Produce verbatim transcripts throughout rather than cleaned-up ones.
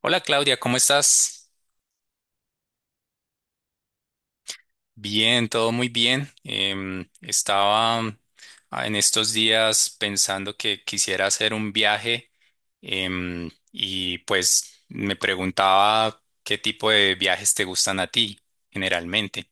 Hola, Claudia, ¿cómo estás? Bien, todo muy bien. Em, estaba mm, ah, en estos días pensando que quisiera hacer un viaje em, y pues me preguntaba qué tipo de viajes te gustan a ti generalmente.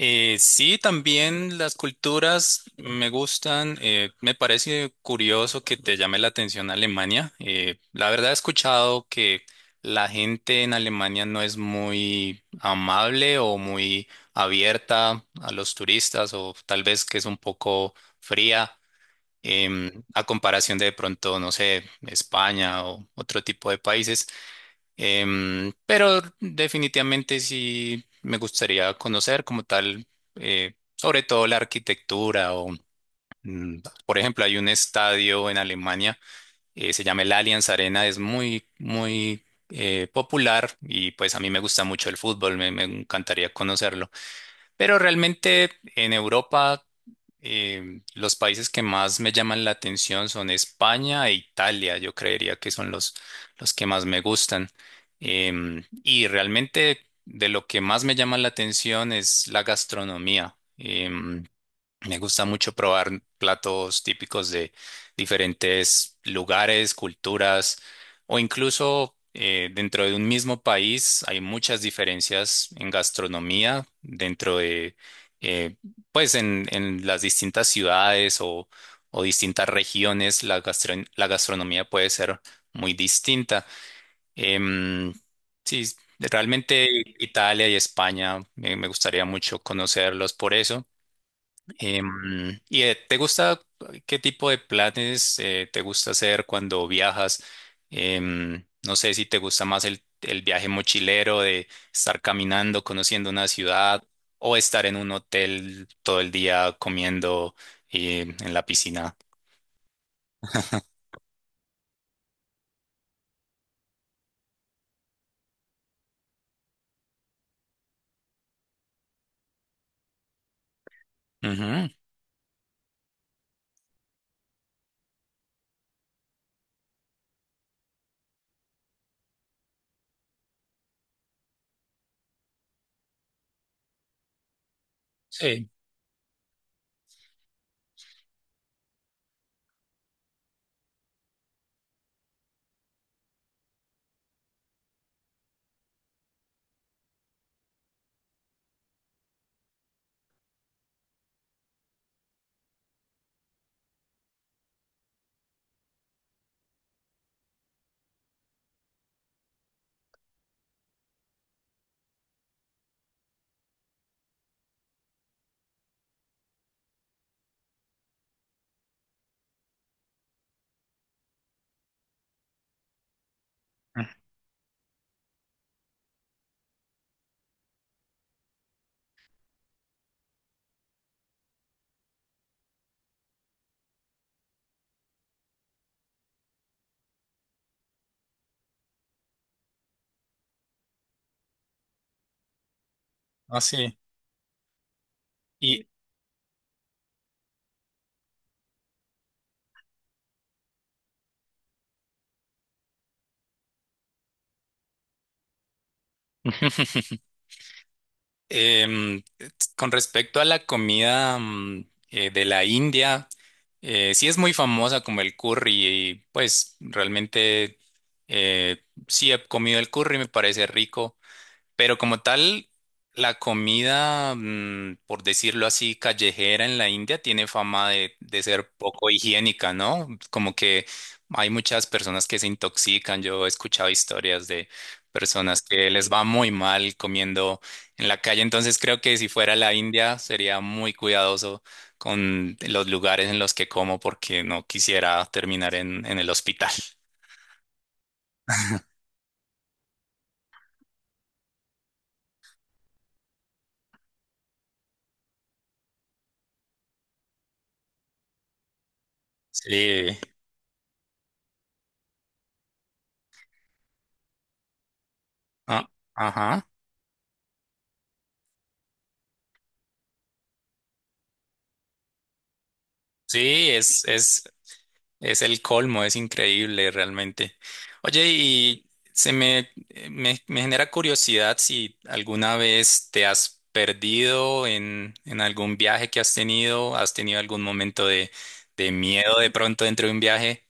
Eh, sí, también las culturas me gustan. Eh, me parece curioso que te llame la atención Alemania. Eh, la verdad he escuchado que la gente en Alemania no es muy amable o muy abierta a los turistas, o tal vez que es un poco fría em, a comparación de de pronto, no sé, España o otro tipo de países. Em, pero definitivamente sí me gustaría conocer como tal, eh, sobre todo la arquitectura o, mm, por ejemplo, hay un estadio en Alemania, eh, se llama el Allianz Arena, es muy, muy eh, popular, y pues a mí me gusta mucho el fútbol, me, me encantaría conocerlo. Pero realmente en Europa eh, los países que más me llaman la atención son España e Italia. Yo creería que son los, los que más me gustan. Em, y realmente de lo que más me llama la atención es la gastronomía. Em, me gusta mucho probar platos típicos de diferentes lugares, culturas, o incluso eh, dentro de un mismo país hay muchas diferencias en gastronomía dentro de, eh, pues en, en las distintas ciudades o, o distintas regiones, la gastron- la gastronomía puede ser muy distinta. Em, sí, realmente Italia y España eh, me gustaría mucho conocerlos por eso. Em, ¿Y eh, te gusta qué tipo de planes eh, te gusta hacer cuando viajas? Em, no sé si te gusta más el, el viaje mochilero de estar caminando, conociendo una ciudad, o estar en un hotel todo el día comiendo eh, en la piscina. Ujú. Sí, así. Y Em, con respecto a la comida mm, eh, de la India, eh, sí es muy famosa como el curry, y pues realmente eh, sí he comido el curry, me parece rico. Pero como tal, la comida, mm, por decirlo así, callejera en la India tiene fama de, de ser poco higiénica, ¿no? Como que hay muchas personas que se intoxican. Yo he escuchado historias de personas que les va muy mal comiendo en la calle. Entonces creo que si fuera la India sería muy cuidadoso con los lugares en los que como, porque no quisiera terminar en, en el hospital. Sí. Ah, ajá. Sí, es, es, es el colmo, es increíble realmente. Oye, y se me, eh, me, me genera curiosidad si alguna vez te has perdido en, en algún viaje que has tenido, has tenido algún momento de, de miedo de pronto dentro de un viaje.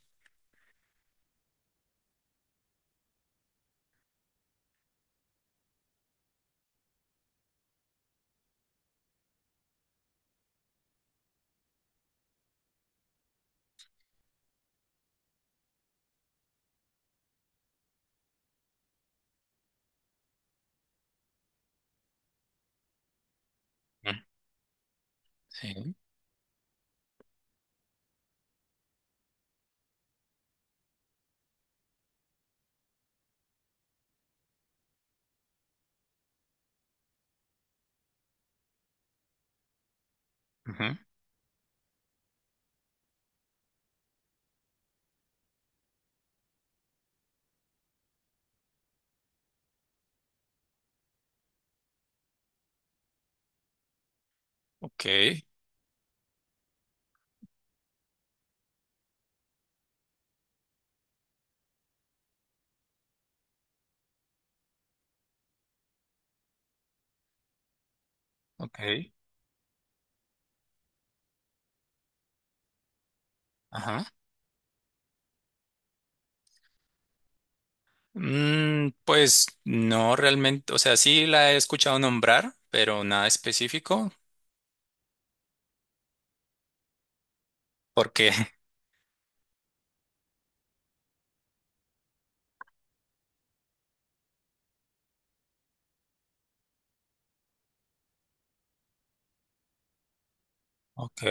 Mm. Sí. Ujú. Ok, ok. Ajá. Mm, pues no realmente, o sea, sí la he escuchado nombrar, pero nada específico, porque... Ok.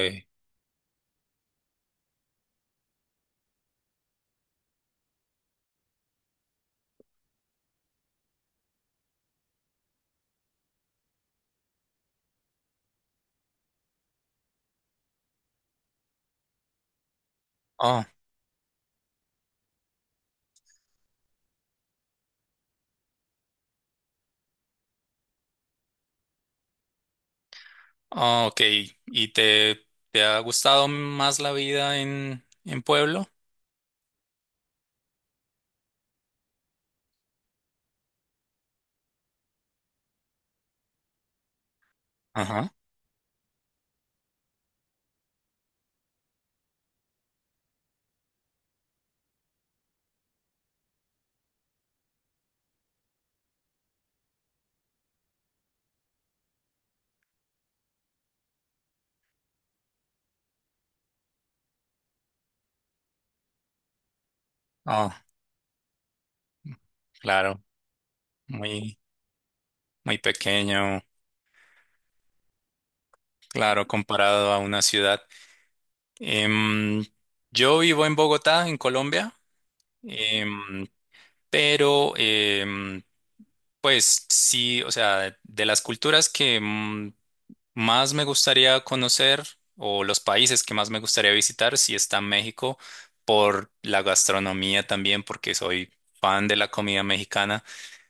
Ah, ok. ¿Y te, te ha gustado más la vida en, en pueblo? Ajá. Ah, claro. Muy, muy pequeño, claro, comparado a una ciudad. Em, yo vivo en Bogotá, en Colombia, em, pero em, pues sí, o sea, de las culturas que mm, más me gustaría conocer, o los países que más me gustaría visitar, si está México, por la gastronomía también, porque soy fan de la comida mexicana.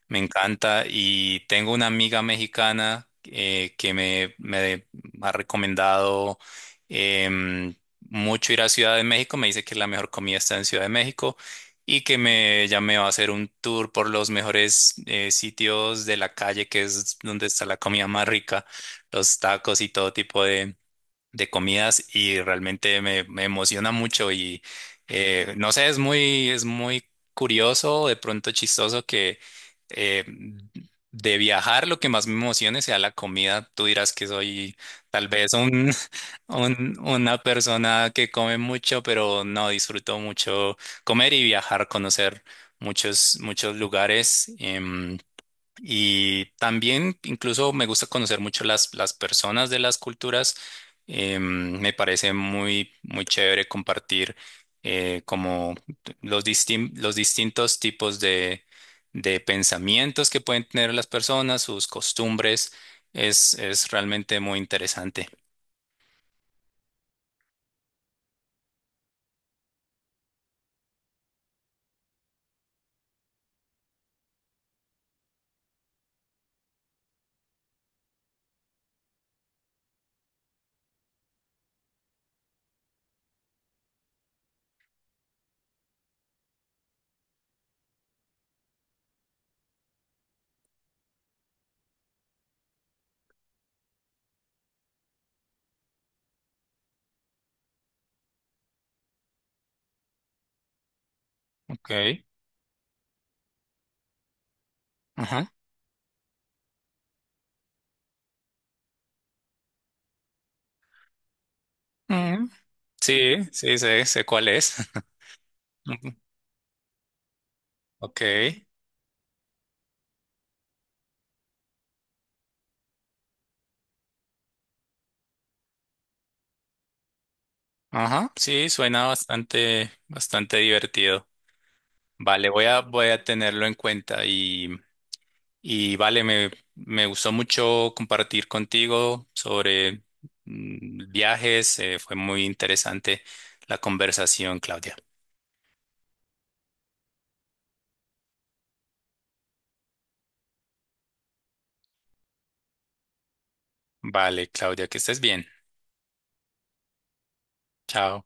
Me encanta, y tengo una amiga mexicana eh, que me, me ha recomendado em, mucho ir a Ciudad de México. Me dice que la mejor comida está en Ciudad de México, y que me, ya me va a hacer un tour por los mejores eh, sitios de la calle, que es donde está la comida más rica, los tacos y todo tipo de comidas, y realmente me, me emociona mucho. Y eh, no sé, es muy, es muy curioso, de pronto chistoso, que eh, de viajar lo que más me emocione sea la comida. Tú dirás que soy tal vez un, un- una persona que come mucho, pero no disfruto mucho comer y viajar, conocer muchos, muchos lugares. Em, y también incluso me gusta conocer mucho las, las personas de las culturas. Eh, me parece muy, muy chévere compartir eh, como los, distin- los distintos tipos de, de pensamientos que pueden tener las personas, sus costumbres. Es, es realmente muy interesante. Ok. Ajá. Mm. Sí, sí, sé, sé cuál es. Ujú. Ok. Ajá. Sí, suena bastante, bastante divertido. Vale, voy a, voy a tenerlo en cuenta, y, y vale, me, me gustó mucho compartir contigo sobre mm, viajes, eh, fue muy interesante la conversación, Claudia. Vale, Claudia, que estés bien. Chao.